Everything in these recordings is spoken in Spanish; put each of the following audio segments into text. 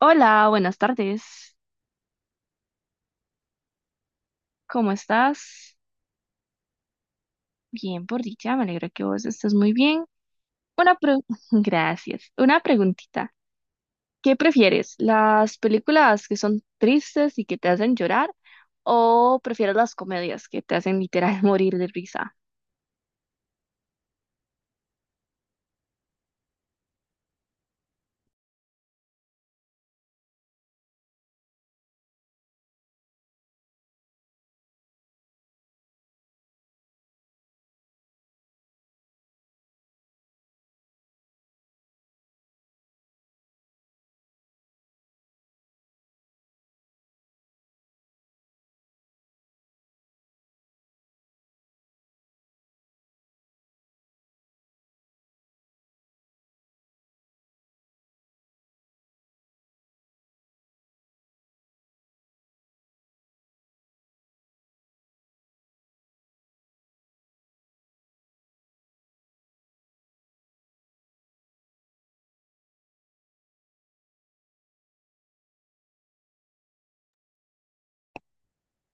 Hola, buenas tardes. ¿Cómo estás? Bien, por dicha, me alegra que vos estés muy bien. Una pre- Gracias. Una preguntita. ¿Qué prefieres? ¿Las películas que son tristes y que te hacen llorar o prefieres las comedias que te hacen literal morir de risa?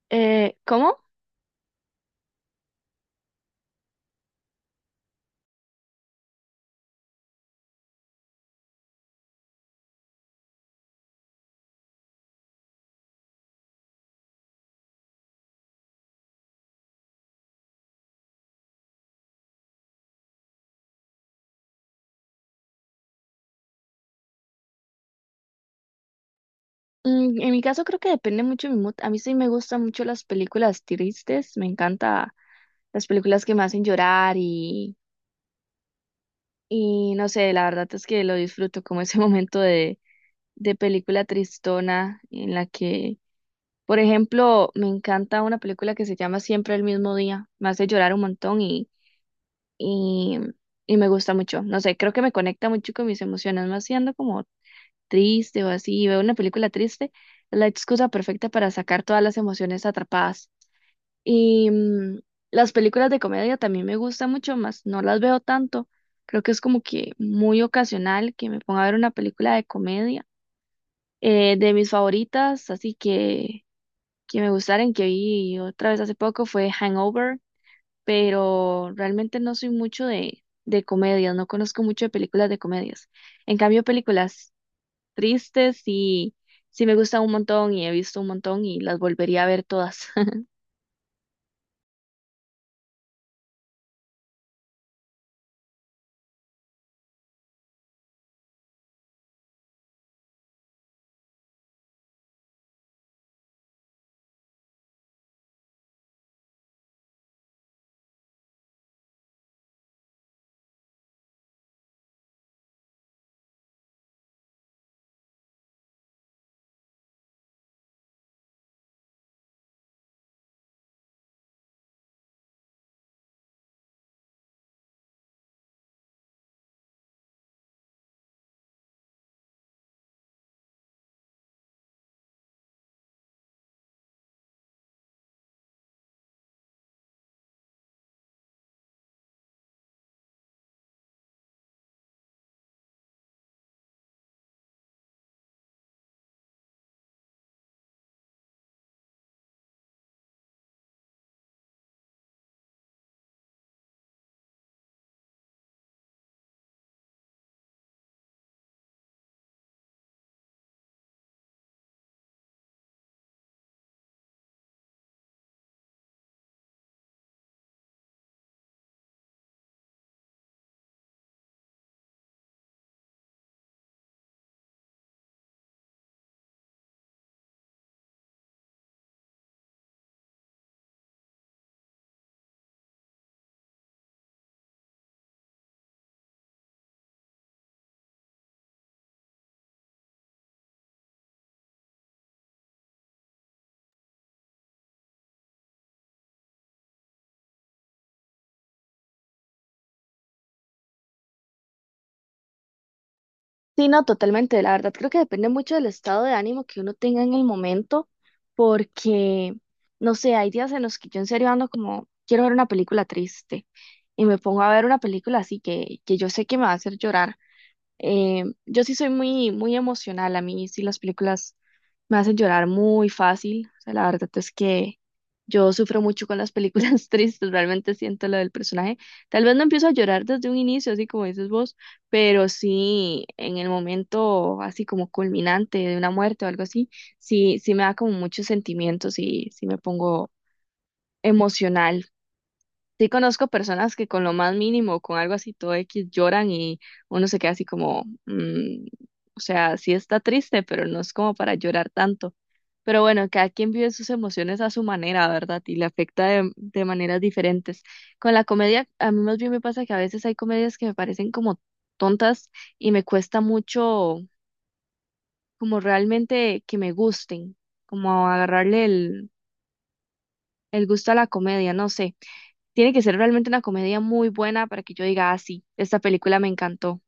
¿Cómo? En mi caso creo que depende mucho de mi mood. A mí sí me gustan mucho las películas tristes, me encanta las películas que me hacen llorar y no sé, la verdad es que lo disfruto como ese momento de película tristona en la que, por ejemplo, me encanta una película que se llama Siempre el mismo día, me hace llorar un montón y, y me gusta mucho. No sé, creo que me conecta mucho con mis emociones, más siendo como triste o así, y veo una película triste, es la excusa perfecta para sacar todas las emociones atrapadas. Y mm, las películas de comedia también me gustan mucho más, no las veo tanto. Creo que es como que muy ocasional que me ponga a ver una película de comedia. De mis favoritas, así que me gustaron, que vi otra vez hace poco, fue Hangover, pero realmente no soy mucho de comedias, no conozco mucho de películas de comedias. En cambio, películas tristes y sí me gustan un montón y he visto un montón y las volvería a ver todas. Sí, no, totalmente. La verdad creo que depende mucho del estado de ánimo que uno tenga en el momento, porque, no sé, hay días en los que yo en serio ando como, quiero ver una película triste y me pongo a ver una película así que yo sé que me va a hacer llorar. Yo sí soy muy, muy emocional, a mí sí las películas me hacen llorar muy fácil. O sea, la verdad es que yo sufro mucho con las películas tristes, realmente siento lo del personaje. Tal vez no empiezo a llorar desde un inicio, así como dices vos, pero sí en el momento así como culminante de una muerte o algo así, sí, sí me da como muchos sentimientos y sí me pongo emocional. Sí conozco personas que con lo más mínimo, con algo así todo X, lloran y uno se queda así como, mm, o sea, sí está triste, pero no es como para llorar tanto. Pero bueno, cada quien vive sus emociones a su manera, ¿verdad? Y le afecta de maneras diferentes. Con la comedia, a mí más bien me pasa que a veces hay comedias que me parecen como tontas y me cuesta mucho como realmente que me gusten, como agarrarle el gusto a la comedia, no sé. Tiene que ser realmente una comedia muy buena para que yo diga, ah, sí, esta película me encantó.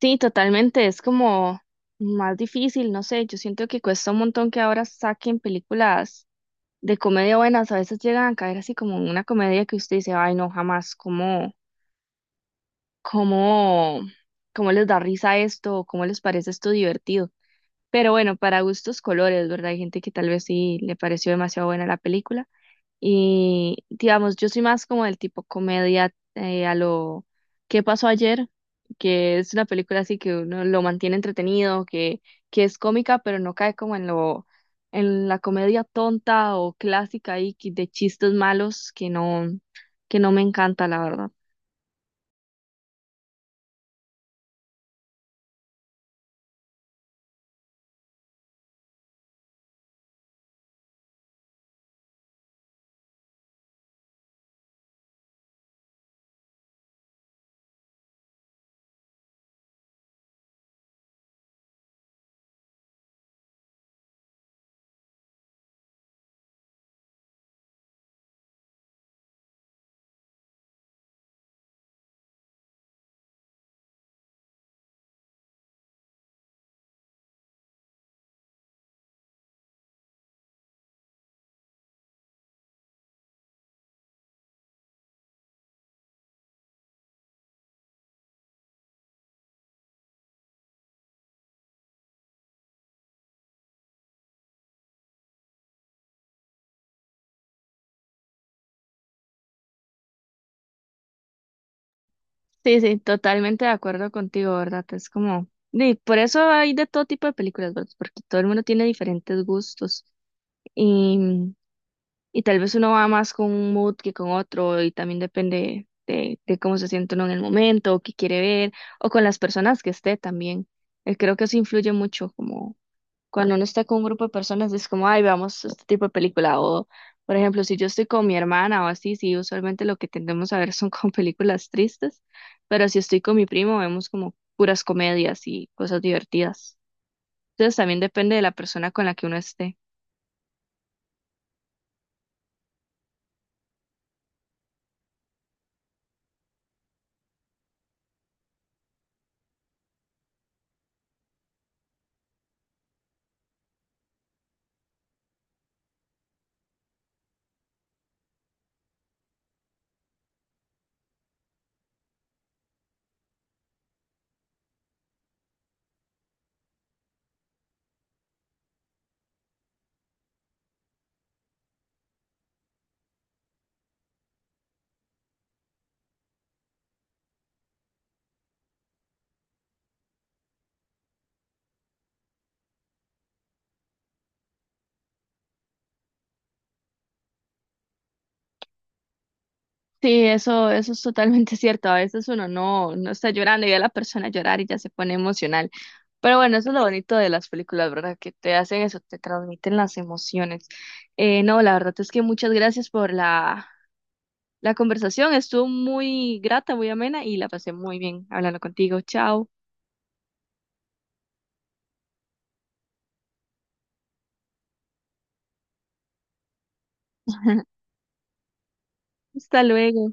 Sí, totalmente, es como más difícil, no sé, yo siento que cuesta un montón que ahora saquen películas de comedia buenas, a veces llegan a caer así como en una comedia que usted dice, ay, no, jamás, cómo, ¿cómo les da risa esto? ¿O ¿Cómo les parece esto divertido? Pero bueno, para gustos colores, ¿verdad? Hay gente que tal vez sí le pareció demasiado buena la película. Y digamos, yo soy más como del tipo comedia a lo ¿Qué pasó ayer? Que es una película así que uno lo mantiene entretenido, que es cómica, pero no cae como en lo, en la comedia tonta o clásica de chistes malos que no me encanta, la verdad. Sí, sí, totalmente de acuerdo contigo, ¿verdad? Es como, y por eso hay de todo tipo de películas, ¿verdad? Porque todo el mundo tiene diferentes gustos. Y tal vez uno va más con un mood que con otro y también depende de cómo se siente uno en el momento o qué quiere ver o con las personas que esté también. Creo que eso influye mucho, como cuando uno está con un grupo de personas es como, ay, veamos este tipo de película o, por ejemplo, si yo estoy con mi hermana o así, sí, usualmente lo que tendemos a ver son con películas tristes, pero si estoy con mi primo vemos como puras comedias y cosas divertidas. Entonces también depende de la persona con la que uno esté. Eso es totalmente cierto. A veces uno no está llorando y ve a la persona llorar y ya se pone emocional. Pero bueno, eso es lo bonito de las películas, ¿verdad? Que te hacen eso, te transmiten las emociones. No, la verdad es que muchas gracias por la conversación. Estuvo muy grata, muy amena y la pasé muy bien hablando contigo. Chao. Hasta luego.